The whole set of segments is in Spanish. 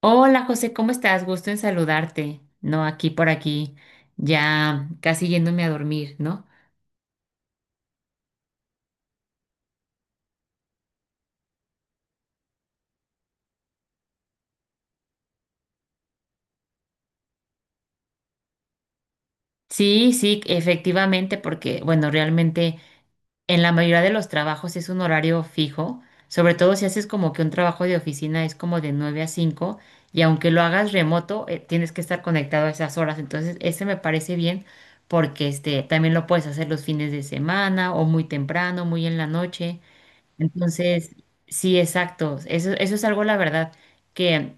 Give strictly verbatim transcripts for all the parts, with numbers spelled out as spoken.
Hola José, ¿cómo estás? Gusto en saludarte. No, aquí por aquí, ya casi yéndome a dormir, ¿no? Sí, sí, efectivamente, porque bueno, realmente en la mayoría de los trabajos es un horario fijo, sobre todo si haces como que un trabajo de oficina es como de nueve a cinco y aunque lo hagas remoto, eh, tienes que estar conectado a esas horas. Entonces, ese me parece bien porque este también lo puedes hacer los fines de semana o muy temprano, muy en la noche. Entonces, sí, exacto. Eso, eso es algo, la verdad, que,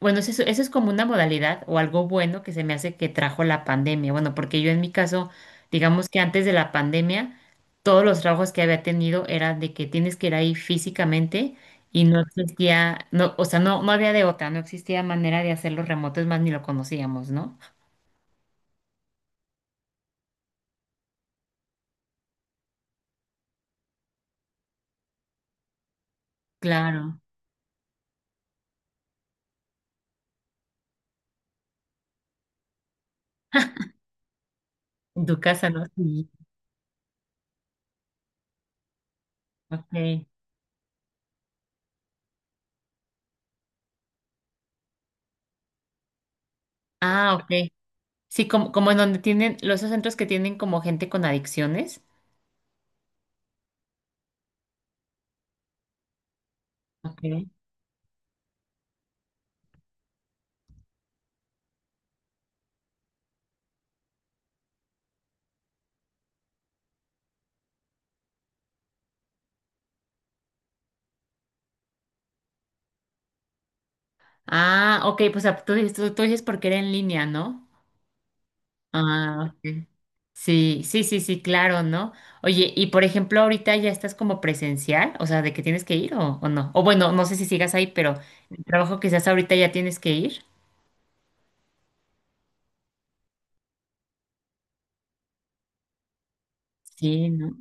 bueno, eso, eso es como una modalidad o algo bueno que se me hace que trajo la pandemia. Bueno, porque yo en mi caso, digamos que antes de la pandemia, todos los trabajos que había tenido eran de que tienes que ir ahí físicamente y no existía, no, o sea, no, no había de otra, no existía manera de hacerlo remoto, es más, ni lo conocíamos, ¿no? Claro. En tu casa, ¿no? Sí. Ok. Ah, ok. Sí, como, como en donde tienen, los esos centros que tienen como gente con adicciones. Ok. Ah, ok, pues ah, tú, dices- tú, tú dices porque era en línea, ¿no? Ah, ok. Sí, sí, sí, sí, claro, ¿no? Oye, y por ejemplo, ahorita ya estás como presencial, o sea, de que tienes que ir o, o no. O bueno, no sé si sigas ahí, pero el trabajo que estás ahorita ya tienes que ir. Sí, ¿no?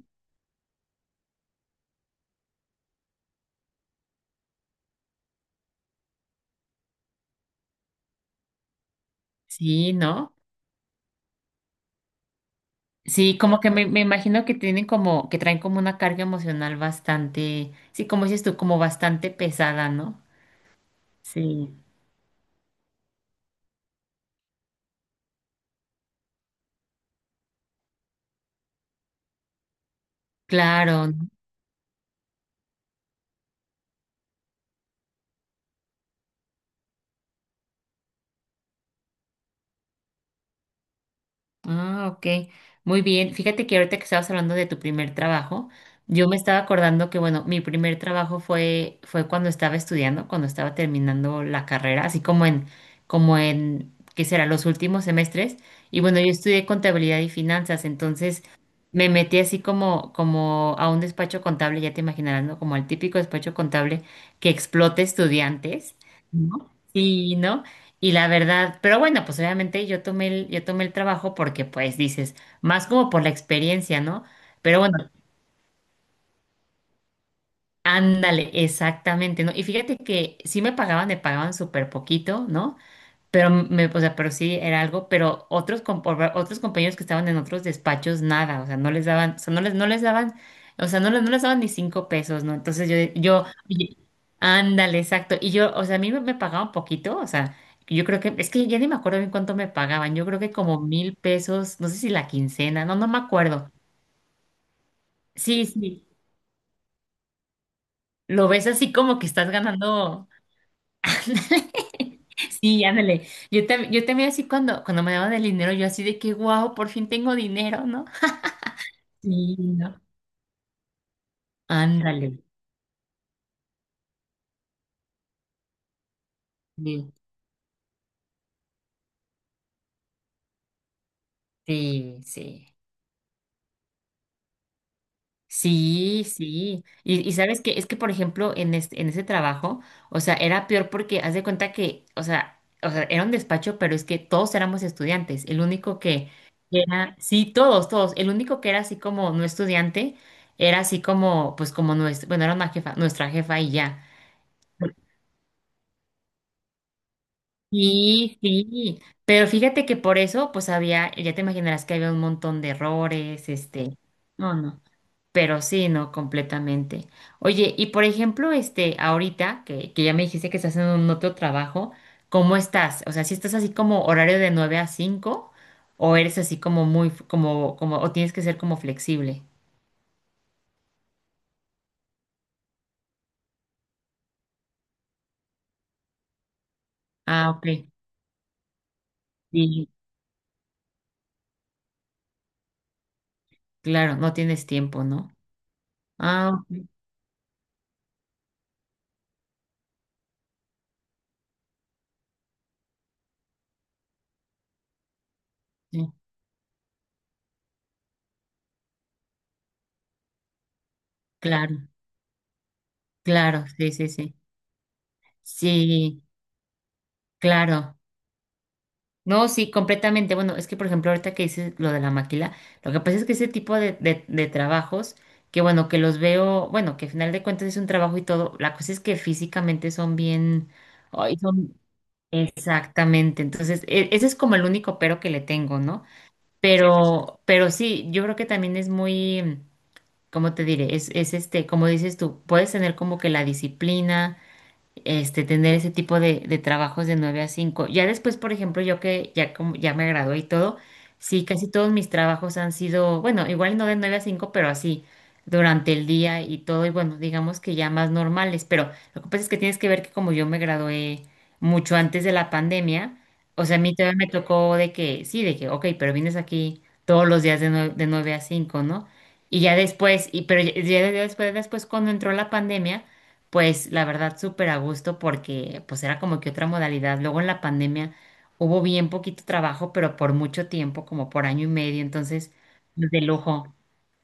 Sí, ¿no? Sí, como que me, me imagino que tienen como, que traen como una carga emocional bastante, sí, como dices tú, como bastante pesada, ¿no? Sí. Claro, ¿no? Ah, ok. Muy bien. Fíjate que ahorita que estabas hablando de tu primer trabajo, yo me estaba acordando que, bueno, mi primer trabajo fue, fue cuando estaba estudiando, cuando estaba terminando la carrera, así como en, como en, ¿qué será? Los últimos semestres. Y bueno, yo estudié contabilidad y finanzas, entonces me metí así como, como a un despacho contable, ya te imaginarás, ¿no? Como al típico despacho contable que explota estudiantes, ¿no? Sí, ¿no? Y la verdad, pero bueno, pues obviamente yo tomé el, yo tomé el trabajo porque pues dices, más como por la experiencia, ¿no? Pero bueno, ándale, exactamente, ¿no? Y fíjate que sí me pagaban, me pagaban súper poquito, ¿no? Pero me, o sea, pero sí era algo, pero otros, com- por- otros compañeros que estaban en otros despachos, nada, o sea, no les daban, o sea, no les, no les daban, o sea, no les, no les daban ni cinco pesos, ¿no? Entonces yo, yo, oye, ándale, exacto. Y yo, o sea, a mí me, me pagaban poquito, o sea, yo creo que, es que ya ni me acuerdo bien cuánto me pagaban, yo creo que como mil pesos, no sé si la quincena, no, no me acuerdo. Sí, sí, lo ves así como que estás ganando. Sí, ándale. Yo, tam- yo también así cuando, cuando me daban el dinero, yo así de que, wow, por fin tengo dinero, ¿no? Sí, no. Ándale. Sí, sí, sí. Sí, sí. Y, y sabes que es que, por ejemplo, en este, en ese trabajo, o sea, era peor porque haz de cuenta que, o sea, o sea, era un despacho, pero es que todos éramos estudiantes. El único que era, sí, todos, todos. El único que era así como no estudiante, era así como, pues como nuestra, bueno, era una jefa, nuestra jefa y ya. Sí, sí, pero fíjate que por eso, pues había, ya te imaginarás que había un montón de errores, este, no, no, pero sí, no, completamente. Oye, y por ejemplo, este, ahorita que, que ya me dijiste que estás haciendo un otro trabajo, ¿cómo estás? O sea, si estás así como horario de nueve a cinco o eres así como muy, f- como, como, o tienes que ser como flexible? Ah, ok, sí, claro, no tienes tiempo, ¿no? Ah, ok, sí, claro, claro, sí, sí, sí. Sí, claro, no, sí, completamente. Bueno, es que por ejemplo, ahorita que dices lo de la maquila, lo que pasa es que ese tipo de, de, de trabajos, que bueno, que los veo, bueno, que al final de cuentas es un trabajo y todo, la cosa es que físicamente son bien, ay, son exactamente. Entonces, e- ese es como el único pero que le tengo, ¿no? Pero, pero sí, yo creo que también es muy, ¿cómo te diré? Es, es este, como dices tú, puedes tener como que la disciplina este, tener ese tipo de, de trabajos de nueve a cinco. Ya después, por ejemplo, yo que ya, como, ya me gradué y todo, sí, casi todos mis trabajos han sido, bueno, igual no de nueve a cinco, pero así, durante el día y todo, y bueno, digamos que ya más normales, pero lo que pasa es que tienes que ver que como yo me gradué mucho antes de la pandemia, o sea, a mí todavía me tocó de que, sí, de que, ok, pero vienes aquí todos los días de nueve de nueve a cinco, ¿no? Y ya después, y, pero ya, ya después, después cuando entró la pandemia, pues la verdad, súper a gusto porque pues era como que otra modalidad. Luego en la pandemia hubo bien poquito trabajo, pero por mucho tiempo, como por año y medio, entonces pues, de lujo.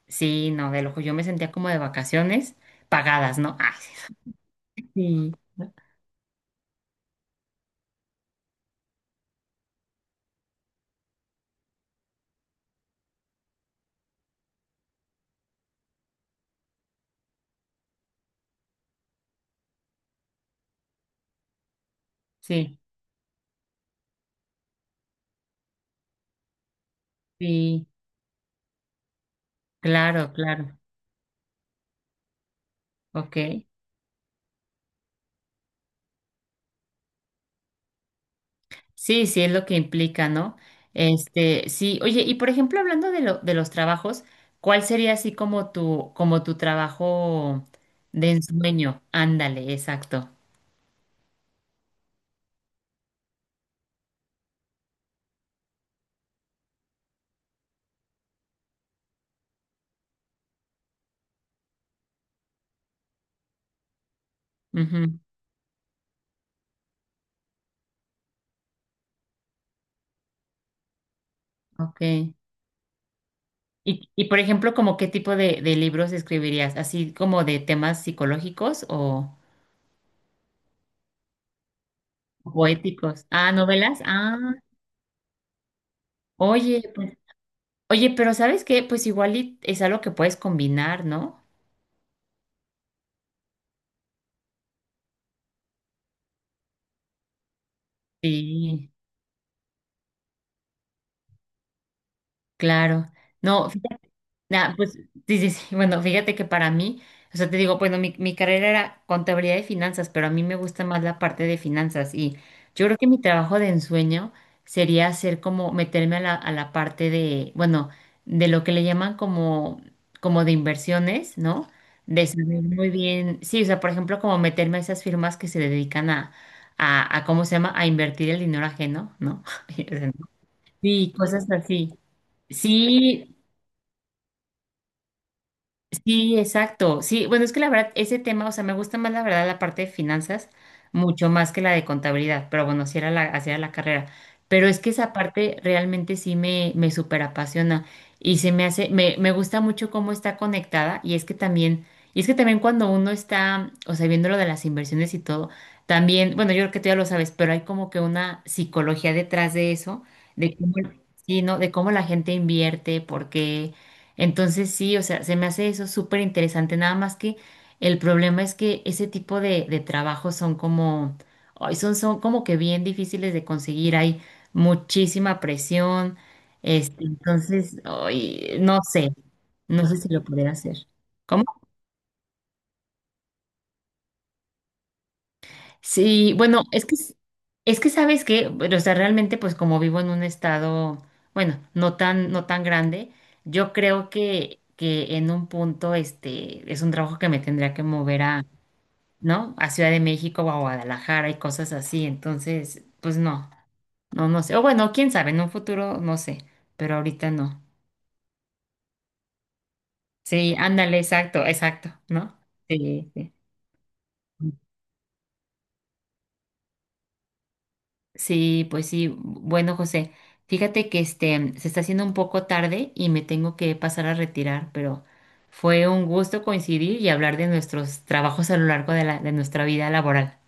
Sí, no, de lujo. Yo me sentía como de vacaciones pagadas, ¿no? Ay, sí, sí, sí, claro, claro. Ok. Sí, sí, es lo que implica, ¿no? Este, sí, oye, y por ejemplo, hablando de lo, de los trabajos, ¿cuál sería así como tu, como tu trabajo de ensueño? Ándale, exacto. Ujú, ok. Y, y por ejemplo, ¿como qué tipo de, de libros escribirías? ¿Así como de temas psicológicos o, o éticos? Ah, novelas. Ah, oye, pues- oye, pero ¿sabes qué? Pues igual y es algo que puedes combinar, ¿no? Sí, claro. No, nah, pues sí, sí, sí. Bueno, fíjate que para mí, o sea, te digo, bueno, mi, mi carrera era contabilidad y finanzas, pero a mí me gusta más la parte de finanzas y yo creo que mi trabajo de ensueño sería hacer como meterme a la, a la parte de, bueno, de lo que le llaman como, como de inversiones, ¿no? De saber muy bien, sí, o sea, por ejemplo, como meterme a esas firmas que se dedican a, a, a ¿cómo se llama? A invertir el dinero ajeno, ¿no? Y cosas así. Sí, sí, exacto. Sí, bueno, es que la verdad, ese tema, o sea, me gusta más la verdad la parte de finanzas, mucho más que la de contabilidad, pero bueno, así era la, así era la carrera. Pero es que esa parte realmente sí me, me súper apasiona y se me hace, me, me gusta mucho cómo está conectada y es que también, y es que también cuando uno está, o sea, viendo lo de las inversiones y todo, también, bueno, yo creo que tú ya lo sabes, pero hay como que una psicología detrás de eso, de cómo, sí, ¿no? De cómo la gente invierte, por qué. Entonces sí, o sea, se me hace eso súper interesante, nada más que el problema es que ese tipo de, de trabajos son como, ay, son, son como que bien difíciles de conseguir, hay muchísima presión, este, entonces, ay, no sé, no sé si lo pudiera hacer. ¿Cómo? Sí, bueno, es que, es que sabes que, o sea, realmente pues como vivo en un estado, bueno, no tan, no tan grande, yo creo que, que en un punto este es un trabajo que me tendría que mover a, ¿no? A Ciudad de México o a Guadalajara y cosas así, entonces, pues no, no, no sé, o bueno, quién sabe, en un futuro no sé, pero ahorita no. Sí, ándale, exacto, exacto, ¿no? Sí, sí. Sí, pues sí. Bueno, José, fíjate que este se está haciendo un poco tarde y me tengo que pasar a retirar, pero fue un gusto coincidir y hablar de nuestros trabajos a lo largo de la, de nuestra vida laboral.